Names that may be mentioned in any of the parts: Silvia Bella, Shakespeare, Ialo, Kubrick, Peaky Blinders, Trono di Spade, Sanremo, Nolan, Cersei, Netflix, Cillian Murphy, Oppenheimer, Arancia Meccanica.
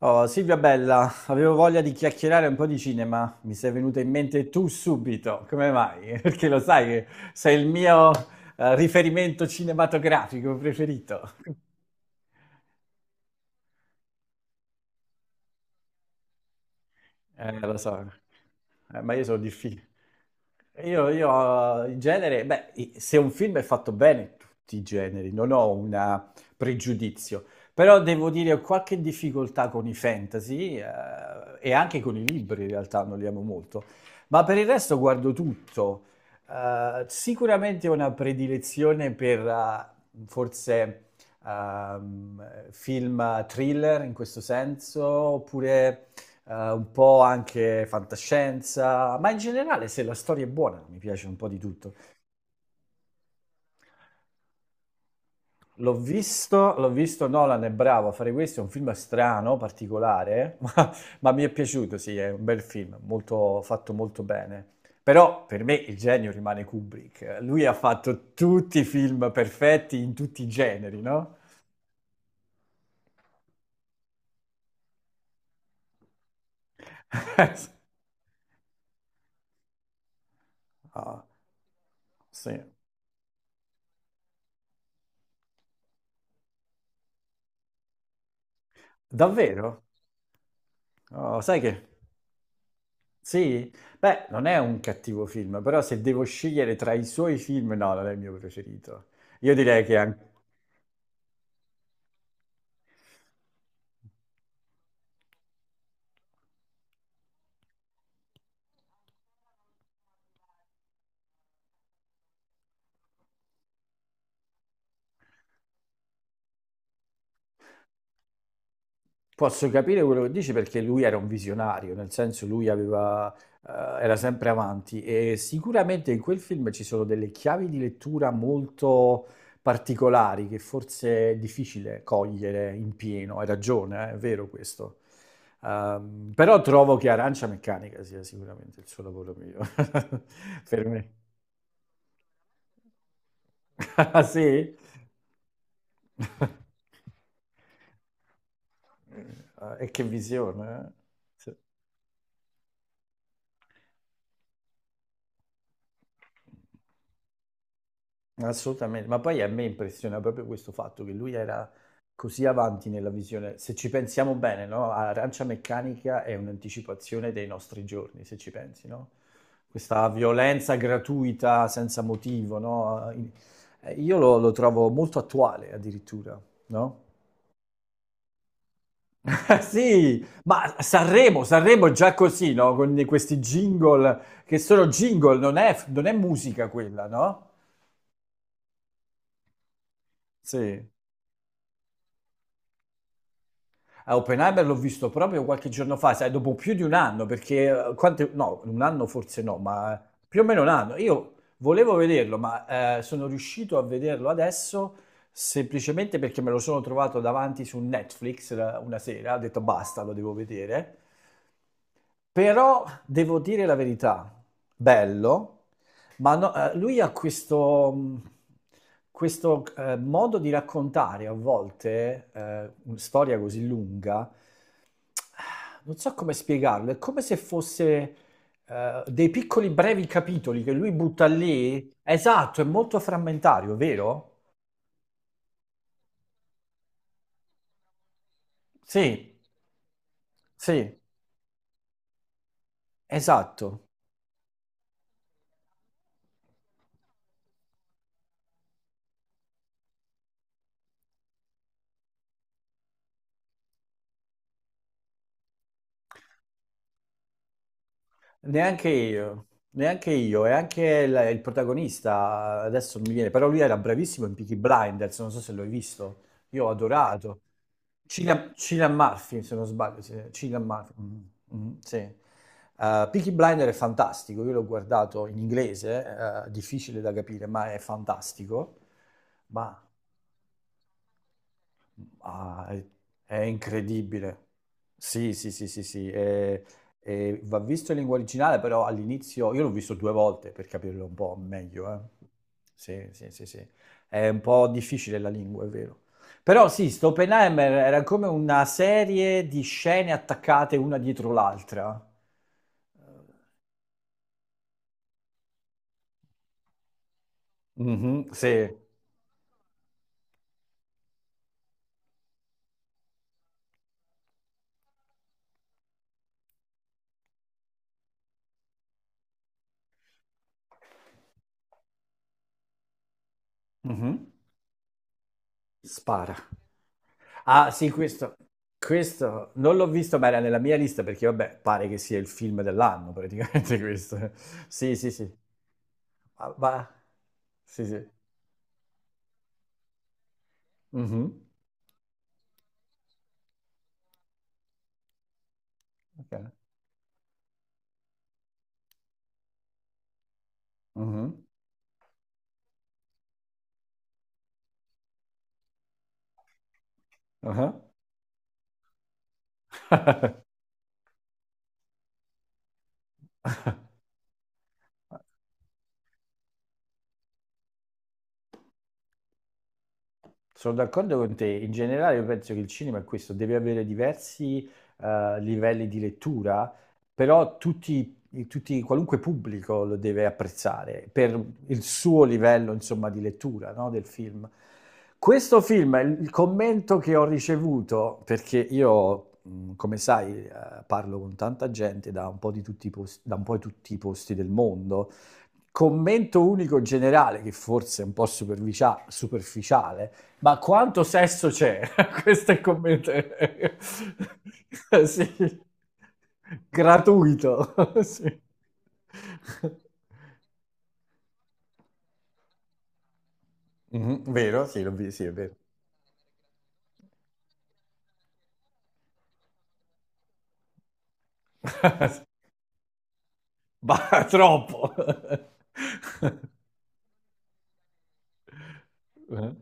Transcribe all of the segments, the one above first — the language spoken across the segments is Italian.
Oh, Silvia bella, avevo voglia di chiacchierare un po' di cinema, mi sei venuta in mente tu subito, come mai? Perché lo sai che sei il mio riferimento cinematografico preferito. Lo so. Ma io sono difficile. Io in genere, beh, se un film è fatto bene, tutti i generi, non ho un pregiudizio, però devo dire ho qualche difficoltà con i fantasy, e anche con i libri, in realtà non li amo molto, ma per il resto guardo tutto. Sicuramente ho una predilezione per, forse film thriller in questo senso, oppure, un po' anche fantascienza, ma in generale se la storia è buona mi piace un po' di tutto. L'ho visto, Nolan è bravo a fare questo, è un film strano, particolare, ma mi è piaciuto, sì, è un bel film, molto, fatto molto bene. Però per me il genio rimane Kubrick. Lui ha fatto tutti i film perfetti in tutti i generi, no? Ah, sì. Davvero? Oh, sai che... Sì? Beh, non è un cattivo film, però se devo scegliere tra i suoi film, no, non è il mio preferito. Io direi che anche... Posso capire quello che dici perché lui era un visionario, nel senso lui aveva, eh, era sempre avanti e sicuramente in quel film ci sono delle chiavi di lettura molto particolari che forse è difficile cogliere in pieno. Hai ragione, è vero questo. Però trovo che Arancia Meccanica sia sicuramente il suo lavoro migliore per me. Ah, sì? E che visione, eh? Sì. Assolutamente, ma poi a me impressiona proprio questo fatto che lui era così avanti nella visione. Se ci pensiamo bene, no? Arancia Meccanica è un'anticipazione dei nostri giorni, se ci pensi, no? Questa violenza gratuita senza motivo, no? Io lo trovo molto attuale addirittura, no? Sì, ma Sanremo, Sanremo è già così, no? Con questi jingle che sono jingle, non è musica quella, no? Sì. A Oppenheimer l'ho visto proprio qualche giorno fa, sai, dopo più di un anno, perché, quante, no, un anno forse no, ma, più o meno un anno. Io volevo vederlo, ma, sono riuscito a vederlo adesso semplicemente perché me lo sono trovato davanti su Netflix, una sera, ho detto basta, lo devo vedere. Però devo dire la verità, bello, ma lui ha questo modo di raccontare a volte, una storia così lunga, non so come spiegarlo, è come se fosse, dei piccoli brevi capitoli che lui butta lì. Esatto, è molto frammentario, vero? Sì, sì, esatto. Neanche io, neanche io, e anche il protagonista adesso non mi viene, però lui era bravissimo in Peaky Blinders, non so se l'hai visto, io ho adorato. Cillian, Cillian Murphy, se non sbaglio, sì, Cillian Murphy, mm, mm, sì. Peaky Blinders è fantastico, io l'ho guardato in inglese, difficile da capire, ma è fantastico. Ma ah, è incredibile. Sì, sì, sì, sì, sì. E va visto in lingua originale, però all'inizio io l'ho visto due volte per capirlo un po' meglio, eh. Sì, sì, sì, sì. È un po' difficile la lingua, è vero. Però sì, sto Oppenheimer era come una serie di scene attaccate una dietro l'altra. Mhm, sì. Mhm. Spara. Ah, sì, questo non l'ho visto, ma era nella mia lista perché, vabbè, pare che sia il film dell'anno praticamente questo. Sì, sì, sì. Ma, ma- sì, sì. Mhm. Ok. Mhm. Ah. Ah. Sono d'accordo con te. In generale, io penso che il cinema è questo, deve avere diversi, livelli di lettura, però tutti, qualunque pubblico lo deve apprezzare per il suo livello, insomma, di lettura, no, del film. Questo film, il commento che ho ricevuto, perché io, come sai, parlo con tanta gente da un po' di tutti i posti, da un po' di tutti i posti del mondo, commento unico generale, che forse è un po' superficiale, ma quanto sesso c'è? Questo è il commento. Sì. Gratuito. Sì. Mhm, vero? Sì, sì, è vero. Ma troppo. Eh?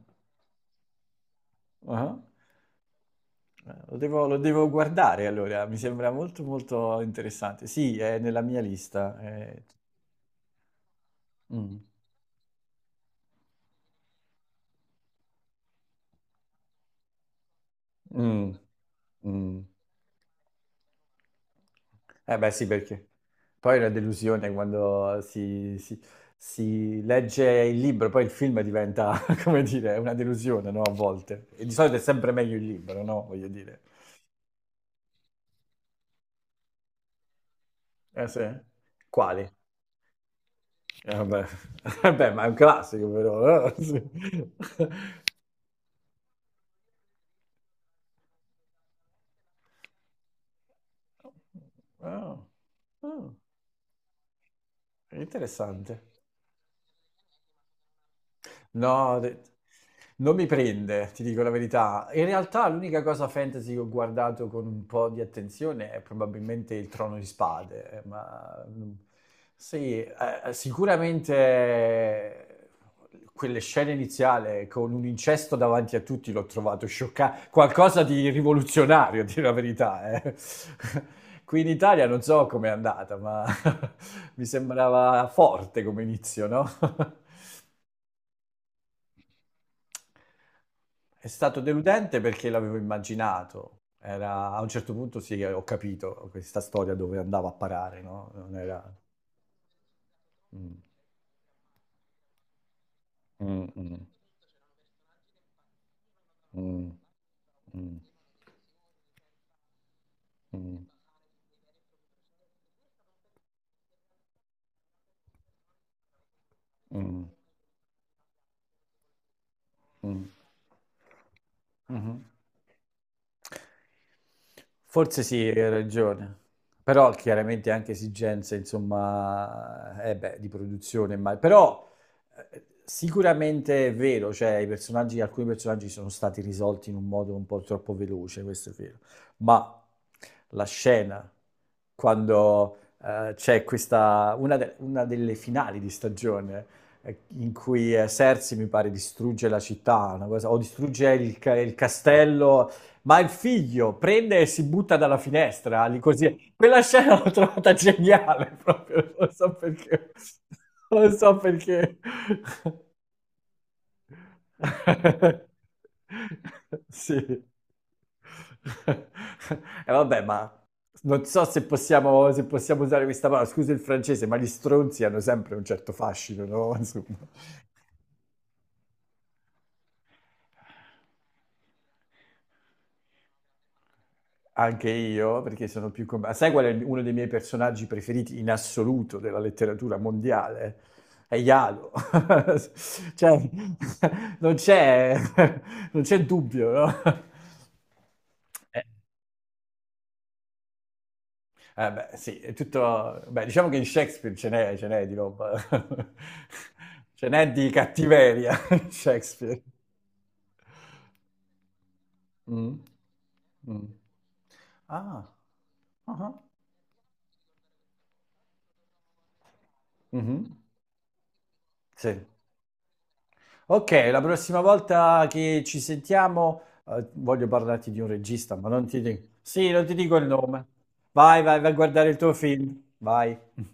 Ah. Lo devo guardare allora, mi sembra molto molto interessante. Sì, è nella mia lista. È... Mm. Mm. Mm. Eh beh sì, perché poi è una delusione quando si legge il libro, poi il film diventa, come dire, una delusione, no? A volte. E di solito è sempre meglio il libro, no? Voglio dire. Eh sì? Quali? Vabbè. Vabbè, ma è un classico però, eh? Sì. Ah, ah, interessante. No, de- non mi prende, ti dico la verità. In realtà l'unica cosa fantasy che ho guardato con un po' di attenzione è probabilmente il Trono di Spade, ma mm, sì, sicuramente, quelle scene iniziali con un incesto davanti a tutti l'ho trovato scioccante, qualcosa di rivoluzionario, a dire la verità, eh. Qui in Italia non so com'è andata, ma mi sembrava forte come inizio, no? È stato deludente perché l'avevo immaginato. Era, a un certo punto sì, ho capito questa storia dove andava a parare, no? Non era... Mm, mm, mm, mm, mm, mm, mm. Mm. Mhm. Forse sì, hai ragione. Però chiaramente anche esigenze, insomma, eh beh, di produzione, ma però, sicuramente è vero, cioè i personaggi, alcuni personaggi sono stati risolti in un modo un po' troppo veloce, questo è vero. Ma la scena, quando, c'è una delle finali di stagione, in cui, Cersei mi pare distrugge la città, o distrugge il castello, ma il figlio prende e si butta dalla finestra, lì così. Quella scena l'ho trovata geniale proprio, non so perché. Non so perché. Sì. E vabbè, ma non so se possiamo, se possiamo usare questa parola, scusa il francese, ma gli stronzi hanno sempre un certo fascino, no? Insomma. Anche io, perché sono più... Sai qual è uno dei miei personaggi preferiti in assoluto della letteratura mondiale? È Ialo. Cioè, non c'è, non c'è dubbio, no? Eh beh, sì, è tutto... Beh, diciamo che in Shakespeare ce n'è di roba. Ce n'è di cattiveria in Shakespeare. Mm, mm. Ah, ah, ah. Mhm. Sì. Ok, la prossima volta che ci sentiamo, voglio parlarti di un regista, ma non ti dico. Sì, non ti dico il nome. Vai, vai, vai a guardare il tuo film. Vai.